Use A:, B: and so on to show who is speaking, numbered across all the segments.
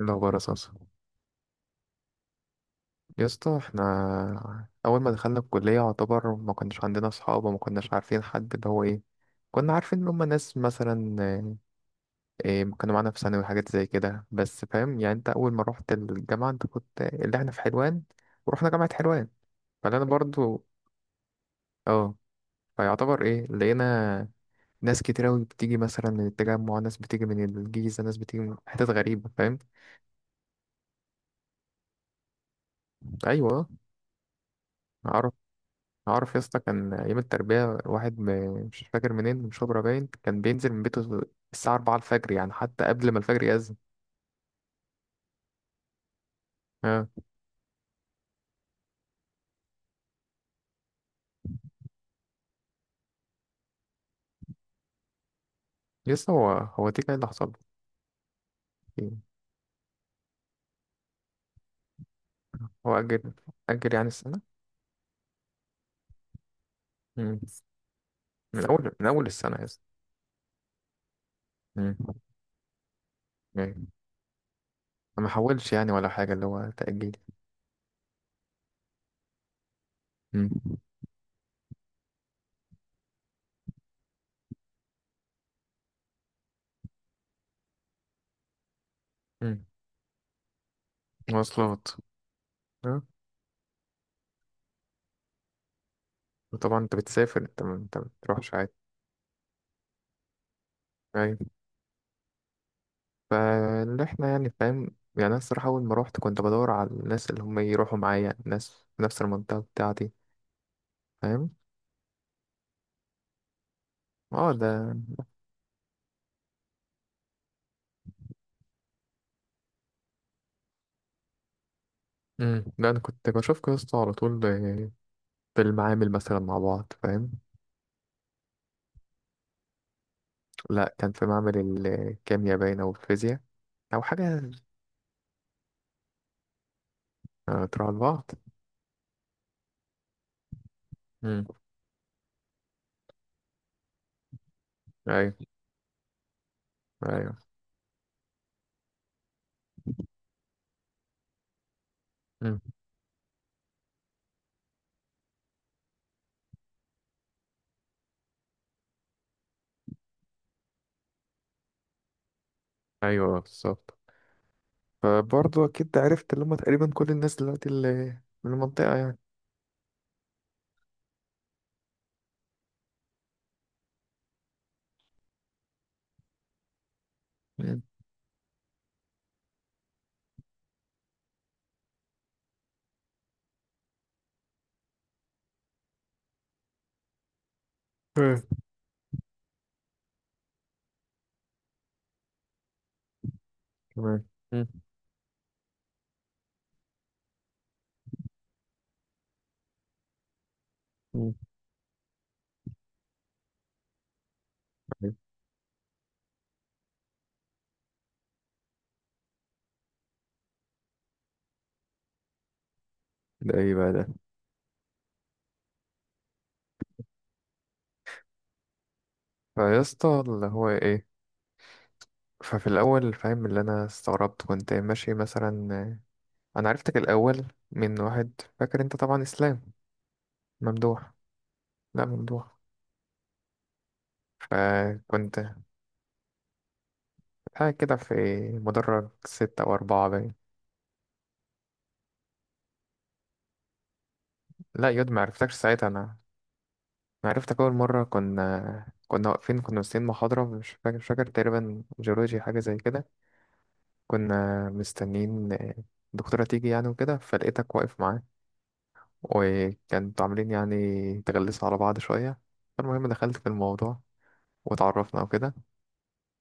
A: إيه الأخبار أساسا؟ يا اسطى، احنا أول ما دخلنا الكلية يعتبر ما كناش عندنا أصحاب وما كناش عارفين حد اللي هو إيه. كنا عارفين إن هما ناس مثلا آه، إيه كانوا معانا في ثانوي وحاجات زي كده، بس فاهم يعني؟ أنت أول ما روحت الجامعة أنت كنت اللي احنا في حلوان ورحنا جامعة حلوان، فأنا برضو اه. فيعتبر إيه لقينا ناس كتير أوي بتيجي مثلا من التجمع، ناس بتيجي من الجيزة، ناس بتيجي من حتت غريبة، فاهم؟ أيوه. عارف يا اسطى كان ايام التربيه واحد مش فاكر منين، من شبرا باين، كان بينزل من بيته الساعه 4 الفجر، يعني حتى قبل ما الفجر يأذن. اه. يا اسطى هو دي كان اللي حصل له. هو اجل. اجل يعني السنه. مم. من اول السنه يا اسطى. مم. يعني ما حولش يعني ولا حاجه، اللي هو تأجيل؟ مم. مم. مواصلات. اه. وطبعا انت بتسافر، انت ما بتروحش عادي. أيوة. فاللي احنا يعني فاهم. يعني انا الصراحة اول ما روحت كنت بدور على الناس اللي هم يروحوا معايا، ناس في نفس المنطقة بتاعتي، فاهم؟ اه ده. امم، ده انا كنت بشوف قصته على طول آه، في المعامل مثلا مع بعض، فاهم؟ لا كان في معمل الكيمياء باين او الفيزياء او حاجة. آه، تروح لبعض. امم. ايوه، ايوه. امم. ايوه بالظبط. فبرضه اكيد عرفت اللي هم تقريبا كل الناس دلوقتي اللي من المنطقة يعني. امم. ايه. تمام. امم. امم. ده ايه بقى ده؟ فيا اسطى اللي هو ايه. ففي الاول فاهم، اللي انا استغربت كنت ماشي مثلا. انا عرفتك الاول من واحد، فاكر؟ انت طبعا اسلام ممدوح. لا ممدوح. فكنت قاعد كده في مدرج ستة أو أربعة باين. لا يود ما عرفتكش ساعتها أنا. أنا عرفتك أول مرة كنا واقفين، كنا مستنيين محاضرة، مش فاكر تقريبا جيولوجي حاجة زي كده. كنا مستنيين الدكتورة تيجي يعني وكده، فلقيتك واقف معاه وكانت عاملين يعني تغلسوا على بعض شوية. فالمهم دخلت في الموضوع واتعرفنا وكده.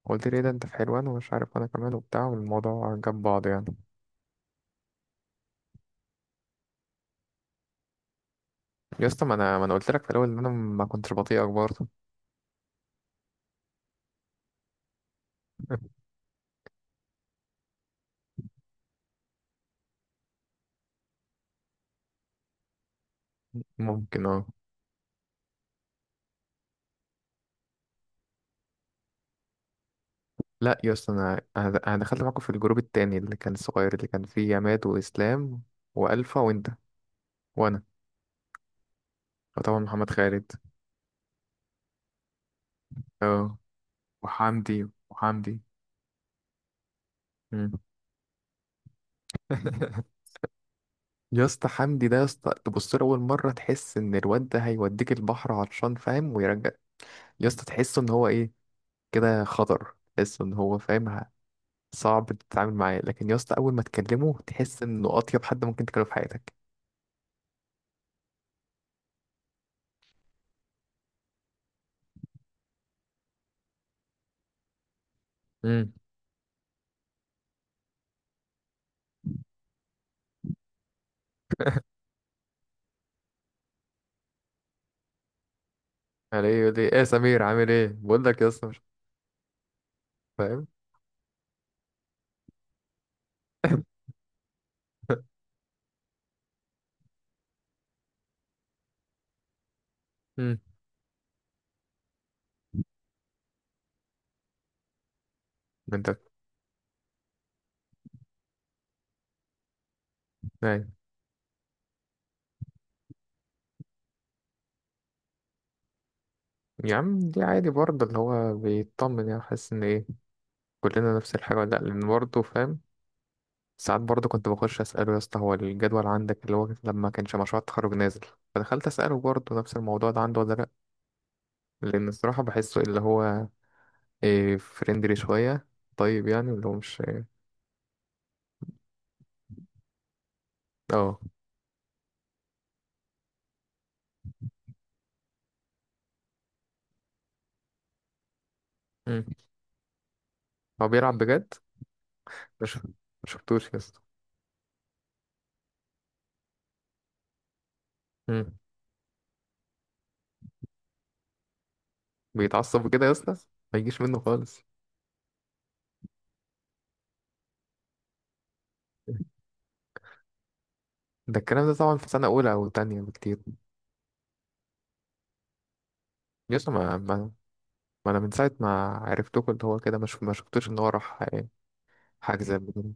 A: قلت لي إيه ده انت في حلوان ومش عارف، انا كمان وبتاع، والموضوع جاب بعض يعني. يا اسطى ما انا قلت لك في الاول ان انا ما كنتش بطيئك برضه. ممكن اه. لا يا اسطى انا انا أنا دخلت معاكم في الجروب التاني اللي كان الصغير، اللي كان فيه عماد واسلام والفا وانت وانا. وطبعا محمد خالد. اه. وحمدي. مم. يا اسطى حمدي ده، يا اسطى تبص له اول مره تحس ان الواد ده هيوديك البحر عطشان، فاهم، ويرجع. يا اسطى تحسه ان هو ايه، كده خطر، تحسه ان هو فاهم صعب تتعامل معاه، لكن يا اسطى اول ما تكلمه تحس انه اطيب حد ممكن تكلمه في حياتك. امم. يعني ايه يقول لي ايه يا سمير عامل ايه، بقول لك يا اسطى مش فاهم. امم. انت يعني، يا عم دي عادي برضه، اللي هو بيطمن، يعني حاسس ان ايه كلنا نفس الحاجه ولا لا، لان برضه فاهم. ساعات برضه كنت بخش أسأله يا اسطى هو الجدول عندك، اللي هو لما كانش مشروع التخرج نازل، فدخلت أسأله برضه نفس الموضوع ده عنده ولا لأ. لأن الصراحة بحسه اللي هو إيه، فريندلي شوية، طيب يعني، اللي هو مش. اه. مم. هو بيلعب بجد؟ مش مشفتوش يا اسطى؟ مم. بيتعصب كده يا اسطى. ما يجيش منه خالص. ده الكلام ده طبعا في سنة أولى أو تانية بكتير. يا اسطى ما أنا من ساعة ما عرفتكوا اللي هو كده، مش ما شفتوش إن هو راح حاجة زي كده.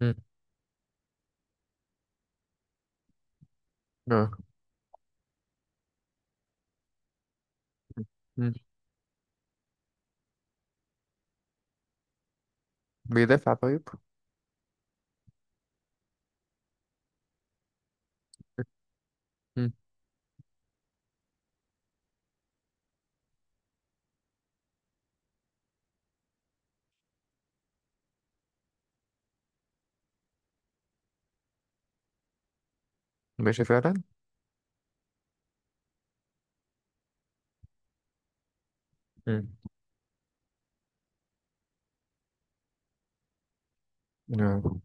A: مم. اه. بيدافع طيب. مم. ماشي فعلا. مم. نعم.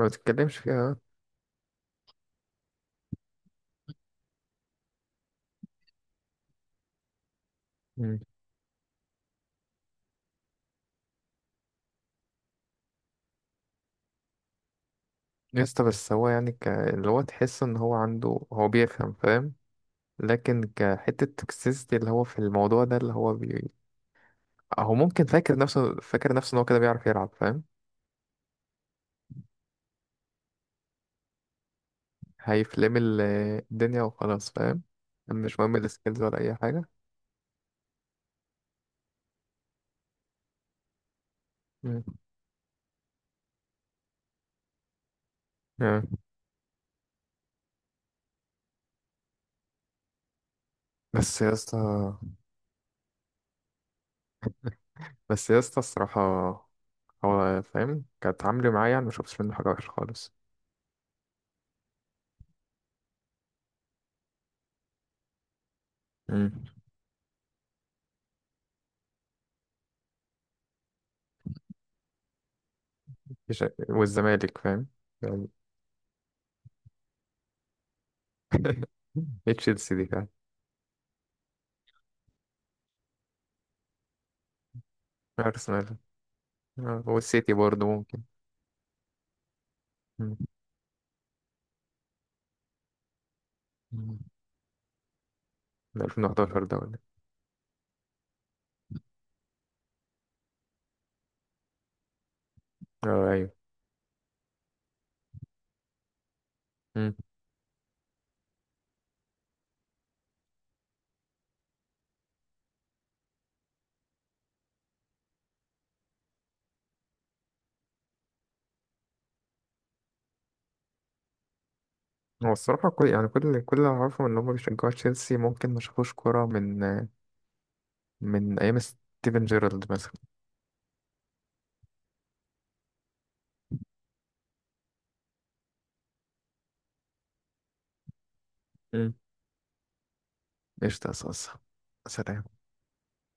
A: ما بتتكلمش فيها. مم. يا اسطى بس هو يعني اللي هو تحس ان هو عنده، هو بيفهم فاهم، لكن كحتة توكسيستي اللي هو في الموضوع ده اللي هو هو ممكن فاكر نفسه ان هو كده بيعرف يلعب، فاهم؟ هيفلم الدنيا وخلاص، فاهم. مش مهم السكيلز ولا اي حاجة. مم. نعم. بس يا اسطى بس يا اسطى الصراحة هو فاهم، كانت عامله معايا يعني مشوفتش منه حاجة وحشة خالص. مم. مش- والزمالك فاهم يعني. إيه تشيلسي دي فعلا. أرسنال آه، والسيتي برضه ممكن. مم. مم. 2011 ده ولا إيه؟ اه أيوه. مم. هو الصراحة كل يعني كل اللي أعرفه إن هما بيشجعوا تشيلسي ممكن ما شافوش كورة من من أيام ستيفن جيرارد مثلا. مم. قشطة يا صاصة. سلام.